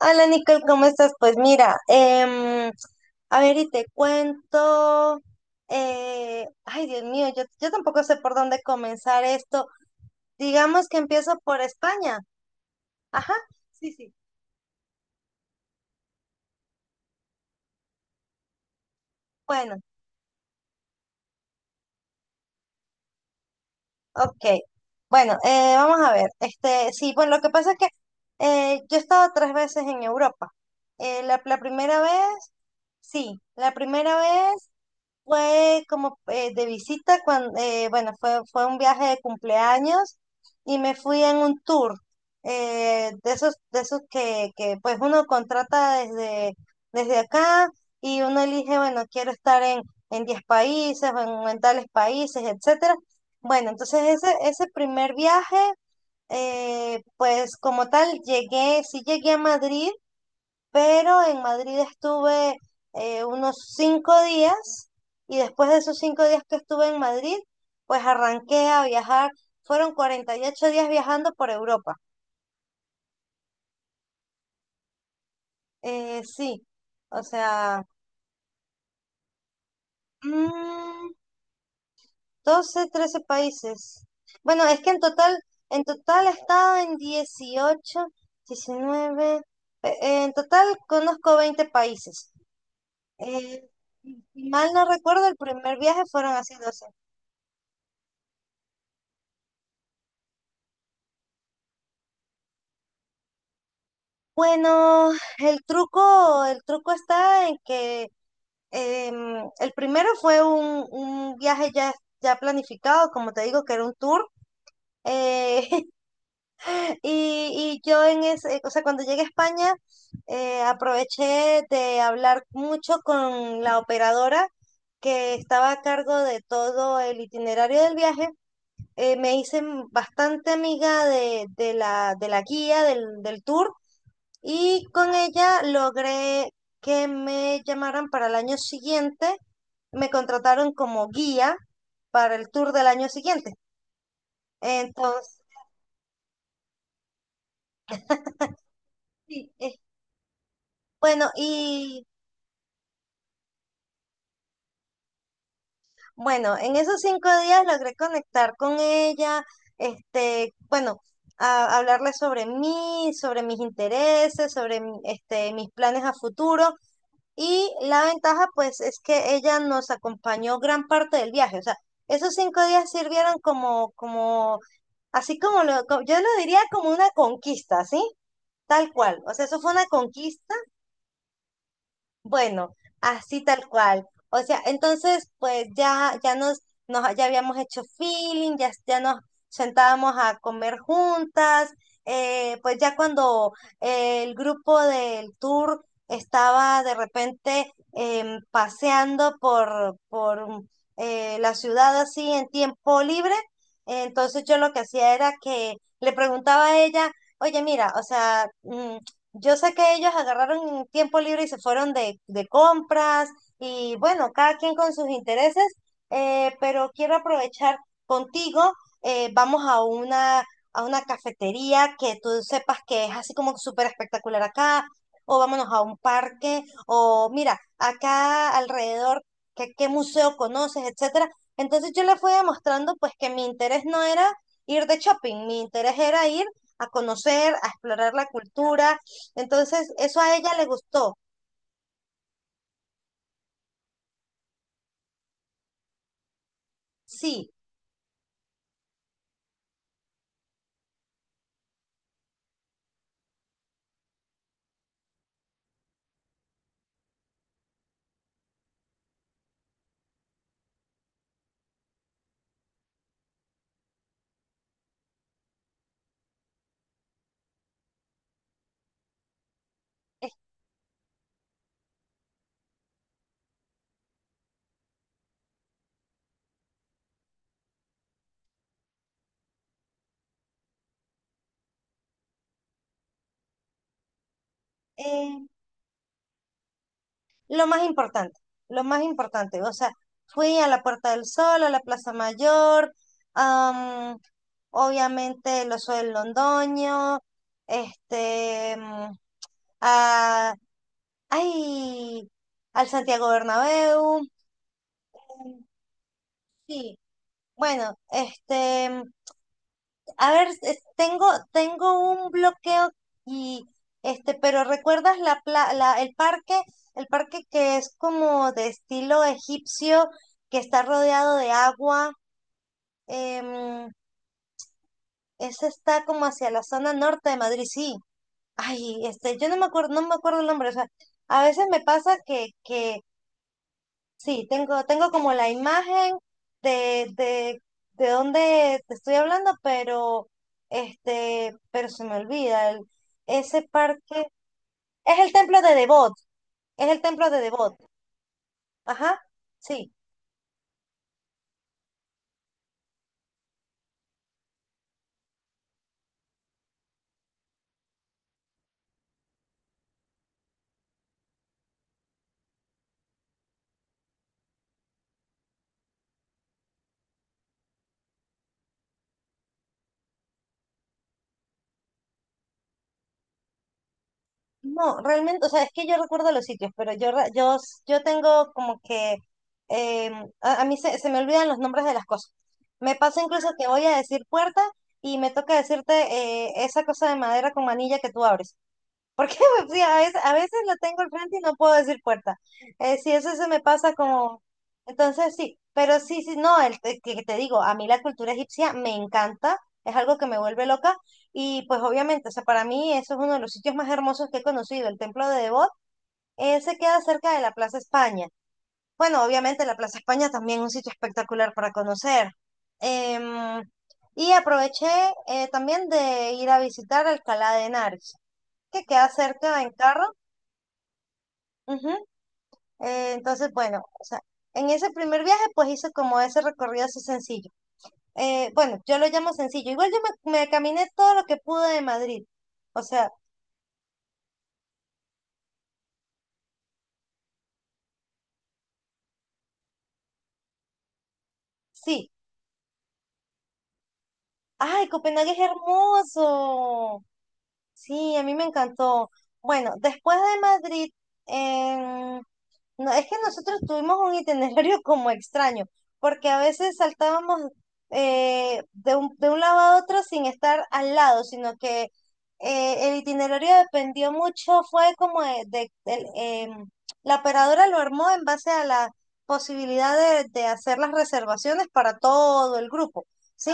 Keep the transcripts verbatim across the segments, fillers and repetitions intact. Hola Nicole, ¿cómo estás? Pues mira, em, a ver y te cuento. Eh, ay, Dios mío, yo, yo tampoco sé por dónde comenzar esto. Digamos que empiezo por España. Ajá, sí, sí. Bueno, ok. Bueno, eh, vamos a ver. Este, sí, bueno, lo que pasa es que eh, yo he estado tres veces en Europa. Eh, la, la primera vez, sí, la primera vez. Fue como eh, de visita, cuando, bueno, fue, fue un viaje de cumpleaños y me fui en un tour eh, de esos, de esos que, que pues uno contrata desde, desde acá, y uno elige, bueno, quiero estar en, en diez países, o en, en tales países, etcétera. Bueno, entonces ese, ese primer viaje, eh, pues como tal, llegué, sí, llegué a Madrid, pero en Madrid estuve eh, unos cinco días, y después de esos cinco días que estuve en Madrid, pues arranqué a viajar. Fueron cuarenta y ocho días viajando por Europa. Eh, sí, o sea, mm, doce, trece países. Bueno, es que en total, en total he estado en dieciocho, diecinueve. Eh, eh, en total conozco veinte países. Eh, si mal no recuerdo, el primer viaje fueron así doce. Bueno, el truco, el truco está en que em, el primero fue un, un viaje ya, ya planificado, como te digo, que era un tour. eh, y, y yo en ese, o sea, cuando llegué a España, eh, aproveché de hablar mucho con la operadora que estaba a cargo de todo el itinerario del viaje. Eh, me hice bastante amiga de, de la, de la guía del, del tour, y con ella logré que me llamaran para el año siguiente. Me contrataron como guía para el tour del año siguiente. Entonces, sí, eh, bueno, y bueno, en esos cinco días logré conectar con ella, este, bueno, a- hablarle sobre mí, sobre mis intereses, sobre mi- este, mis planes a futuro. Y la ventaja, pues, es que ella nos acompañó gran parte del viaje. O sea, esos cinco días sirvieron como, como, así como lo, co- yo lo diría como una conquista, ¿sí? Tal cual. O sea, eso fue una conquista, bueno, así tal cual. O sea, entonces, pues ya, ya nos, nos, ya habíamos hecho feeling, ya, ya nos sentábamos a comer juntas. Eh, pues ya cuando eh, el grupo del tour estaba de repente, em, paseando por, por mm, eh, la ciudad así en tiempo libre, entonces yo lo que hacía era que le preguntaba a ella: oye, mira, o sea, mm, yo sé que ellos agarraron tiempo libre y se fueron de, de compras, y bueno, cada quien con sus intereses, eh, pero quiero aprovechar contigo, eh, vamos a una, a una cafetería que tú sepas que es así como súper espectacular acá, o vámonos a un parque, o mira, acá alrededor, ¿qué, qué museo conoces, etcétera? Entonces yo le fui demostrando pues que mi interés no era ir de shopping, mi interés era ir a conocer, a explorar la cultura. Entonces, eso a ella le gustó. Sí, es eh, lo más importante, lo más importante, o sea, fui a la Puerta del Sol, a la Plaza Mayor, am, obviamente el Oso del Londoño, este, mm, a, ay, al Santiago Bernabéu, sí, bueno, este, a ver, es- tengo, tengo un bloqueo. y este, pero ¿recuerdas la, pla- la- el parque? El parque que es como de estilo egipcio, que está rodeado de agua. em, Ese está como hacia la zona norte de Madrid, sí. Ay, este, yo no me acuerdo, no me acuerdo el nombre. O sea, a veces me pasa que, que sí, tengo, tengo como la imagen de, de, de dónde te estoy hablando, pero este, pero se me olvida. El- ese parque es el templo de Devot, es el templo de Devot. Ajá, sí. No, realmente, o sea, es que yo recuerdo los sitios, pero yo, re- yo, s- yo tengo como que em, a, a mí se, se me olvidan los nombres de las cosas. Me pasa incluso que voy a decir puerta, y me toca decirte eh, esa cosa de madera con manilla que tú abres. Porque pues, sí, a veces, a veces lo tengo al frente y no puedo decir puerta. Eh, si eso se me pasa como... Entonces sí, pero sí, sí, no, el, el que te digo, a mí la cultura egipcia me encanta, es algo que me vuelve loca, y pues obviamente, o sea, para mí eso es uno de los sitios más hermosos que he conocido, el templo de Debod. Eh, se queda cerca de la Plaza España. Bueno, obviamente la Plaza España también es un sitio espectacular para conocer. Em, y aproveché, eh, también, de ir a visitar Alcalá de Henares, que queda cerca en carro. Ujú. Eh, entonces, bueno, o sea, en ese primer viaje, pues hice como ese recorrido así sencillo. Eh, bueno, yo lo llamo sencillo. Igual yo me, me caminé todo lo que pude de Madrid. O sea, sí. ¡Ay, Copenhague es hermoso! Sí, a mí me encantó. Bueno, después de Madrid, no, es que nosotros tuvimos un itinerario como extraño, porque a veces saltábamos eh, de un, de un lado a otro sin estar al lado, sino que eh, el itinerario dependió mucho, fue como de, de- del, em, la operadora lo armó en base a la posibilidad de, de hacer las reservaciones para todo el grupo, ¿sí?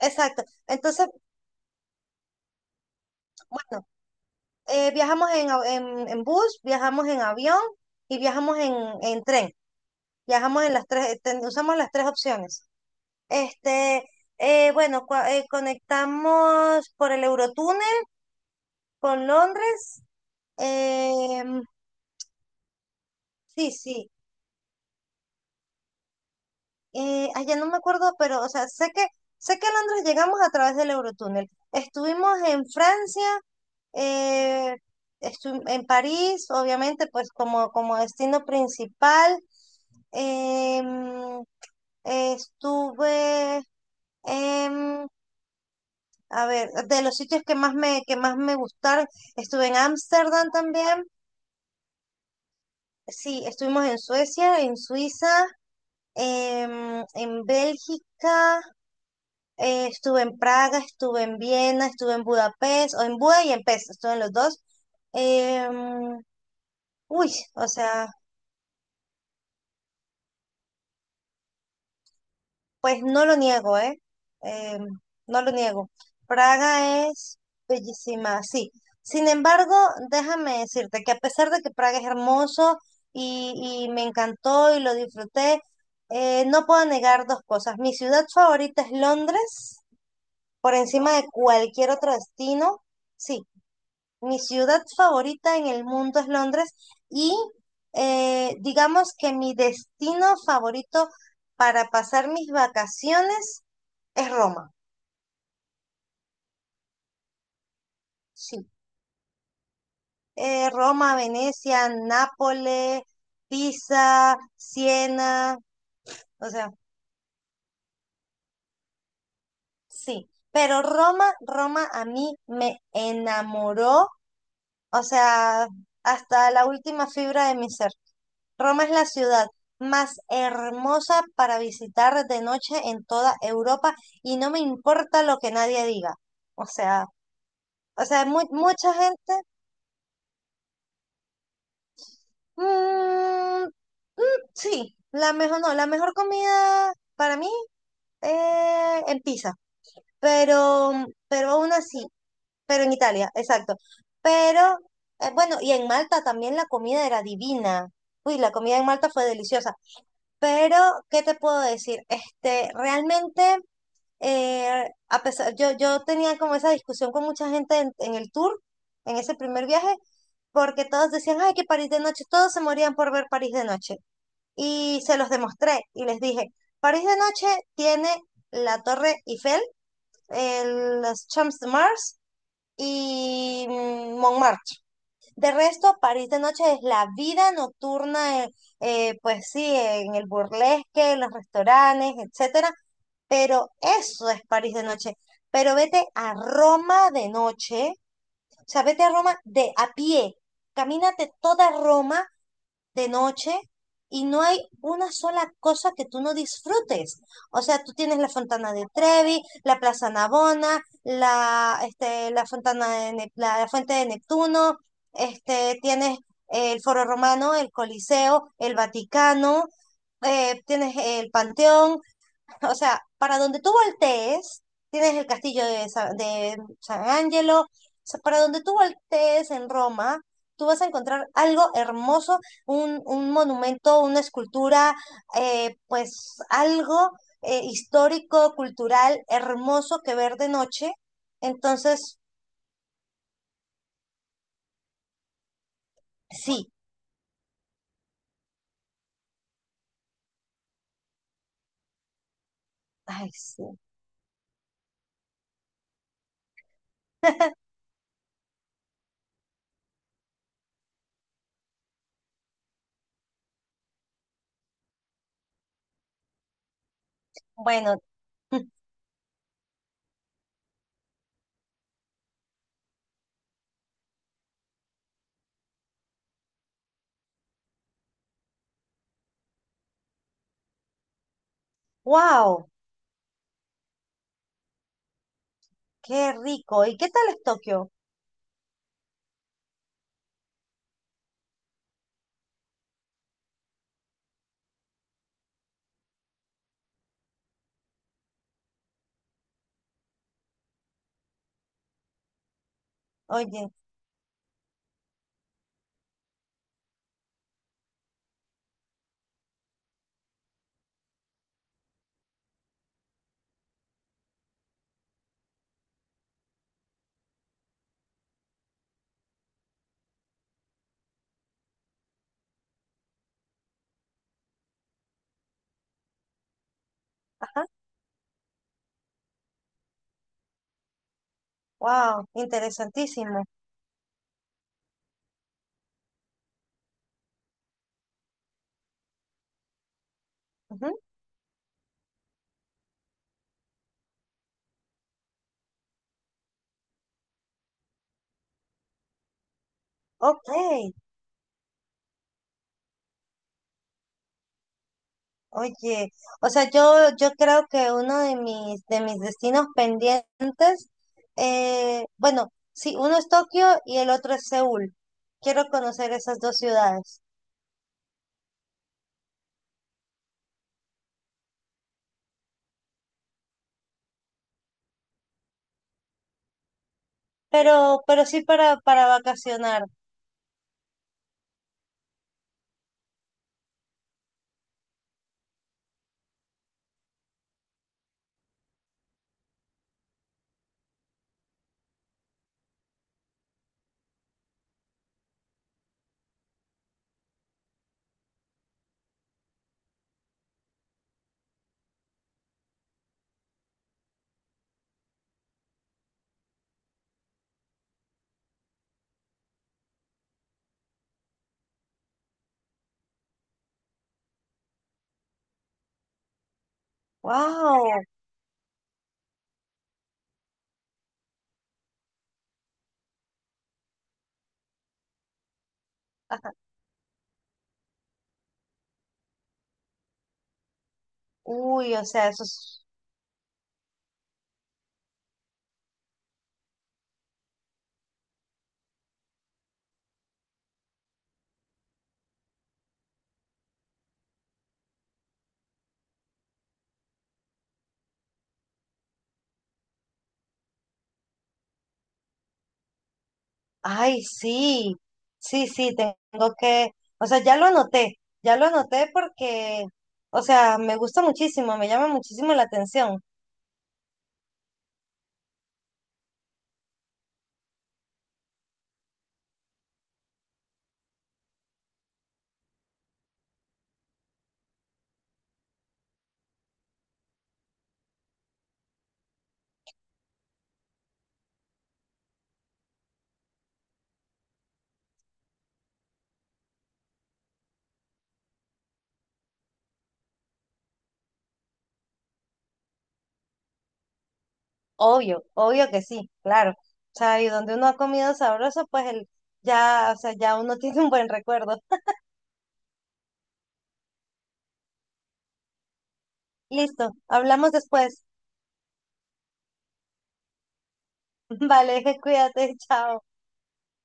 Exacto. Entonces, bueno, eh, viajamos en, au- en, en bus, viajamos en avión, y viajamos en, en tren. Viajamos en las tres, ten- usamos las tres opciones. Este, eh, bueno, cua- eh, conectamos por el Eurotúnel con Londres. em, sí, sí. Eh, ay, ya no me acuerdo, pero, o sea, sé que, sé que a Londres llegamos a través del Eurotúnel. Estuvimos en Francia, eh, estu- en París, obviamente, pues como, como destino principal. Em, Estuve. em, A ver, de los sitios que más me, que más me gustaron, estuve en Ámsterdam también, sí, estuvimos en Suecia, en Suiza, em, en Bélgica, eh, estuve en Praga, estuve en Viena, estuve en Budapest, o en Buda y en Pest, estuve en los dos. Em, uy, o sea, pues no lo niego, ¿eh? Eh, no lo niego. Praga es bellísima, sí. Sin embargo, déjame decirte que a pesar de que Praga es hermoso, y, y me encantó y lo disfruté, eh, no puedo negar dos cosas. Mi ciudad favorita es Londres, por encima de cualquier otro destino. Sí, mi ciudad favorita en el mundo es Londres, y eh, digamos que mi destino favorito para pasar mis vacaciones es Roma, sí. Eh, Roma, Venecia, Nápoles, Pisa, Siena, o sea, sí. Pero Roma, Roma a mí me enamoró, o sea, hasta la última fibra de mi ser. Roma es la ciudad más hermosa para visitar de noche en toda Europa, y no me importa lo que nadie diga. O sea, o sea, mu- mucha gente. mm, Sí, la mejor, no, la mejor comida para mí, eh, en pizza, pero, mm, pero aún así, pero en Italia, exacto. Pero, eh, bueno, y en Malta también la comida era divina. Uy, la comida en Malta fue deliciosa. Pero ¿qué te puedo decir? Este, realmente, eh, a pesar, yo, yo tenía como esa discusión con mucha gente en, en el tour, en ese primer viaje, porque todos decían, ay, que París de noche, todos se morían por ver París de noche. Y se los demostré y les dije, París de noche tiene la Torre Eiffel, el, los Champs de Mars, y mm, Montmartre. De resto, París de noche es la vida nocturna, eh, eh, pues sí, en el burlesque, en los restaurantes, etcétera, pero eso es París de noche. Pero vete a Roma de noche, o sea, vete a Roma de a pie, camínate toda Roma de noche, y no hay una sola cosa que tú no disfrutes. O sea, tú tienes la Fontana de Trevi, la Plaza Navona, la, este, la, Fontana de Nep- la, la Fuente de Neptuno, este, tienes eh, el Foro Romano, el Coliseo, el Vaticano, eh, tienes el Panteón, o sea, para donde tú voltees, tienes el castillo de, Sa- de San Angelo, o sea, para donde tú voltees en Roma, tú vas a encontrar algo hermoso, un, un monumento, una escultura, eh, pues algo eh, histórico, cultural, hermoso que ver de noche. Entonces, sí, ay, sí. Bueno, wow, qué rico. ¿Y qué tal es Tokio? Oye, ajá, wow, interesantísimo. Ujú, ok. Oye, o sea, yo, yo creo que uno de mis, de mis destinos pendientes, eh, bueno, sí, uno es Tokio y el otro es Seúl. Quiero conocer esas dos ciudades, pero, pero sí para, para vacacionar. ¡Wow! Ajá. Uy, o sea, eso es... Ay, sí, sí, sí, tengo que... O sea, ya lo anoté, ya lo anoté porque, o sea, me gusta muchísimo, me llama muchísimo la atención. Obvio, obvio que sí, claro. O sea, y donde uno ha comido sabroso, pues el, ya, o sea, ya uno tiene un buen recuerdo. Listo, hablamos después. Vale, cuídate, chao.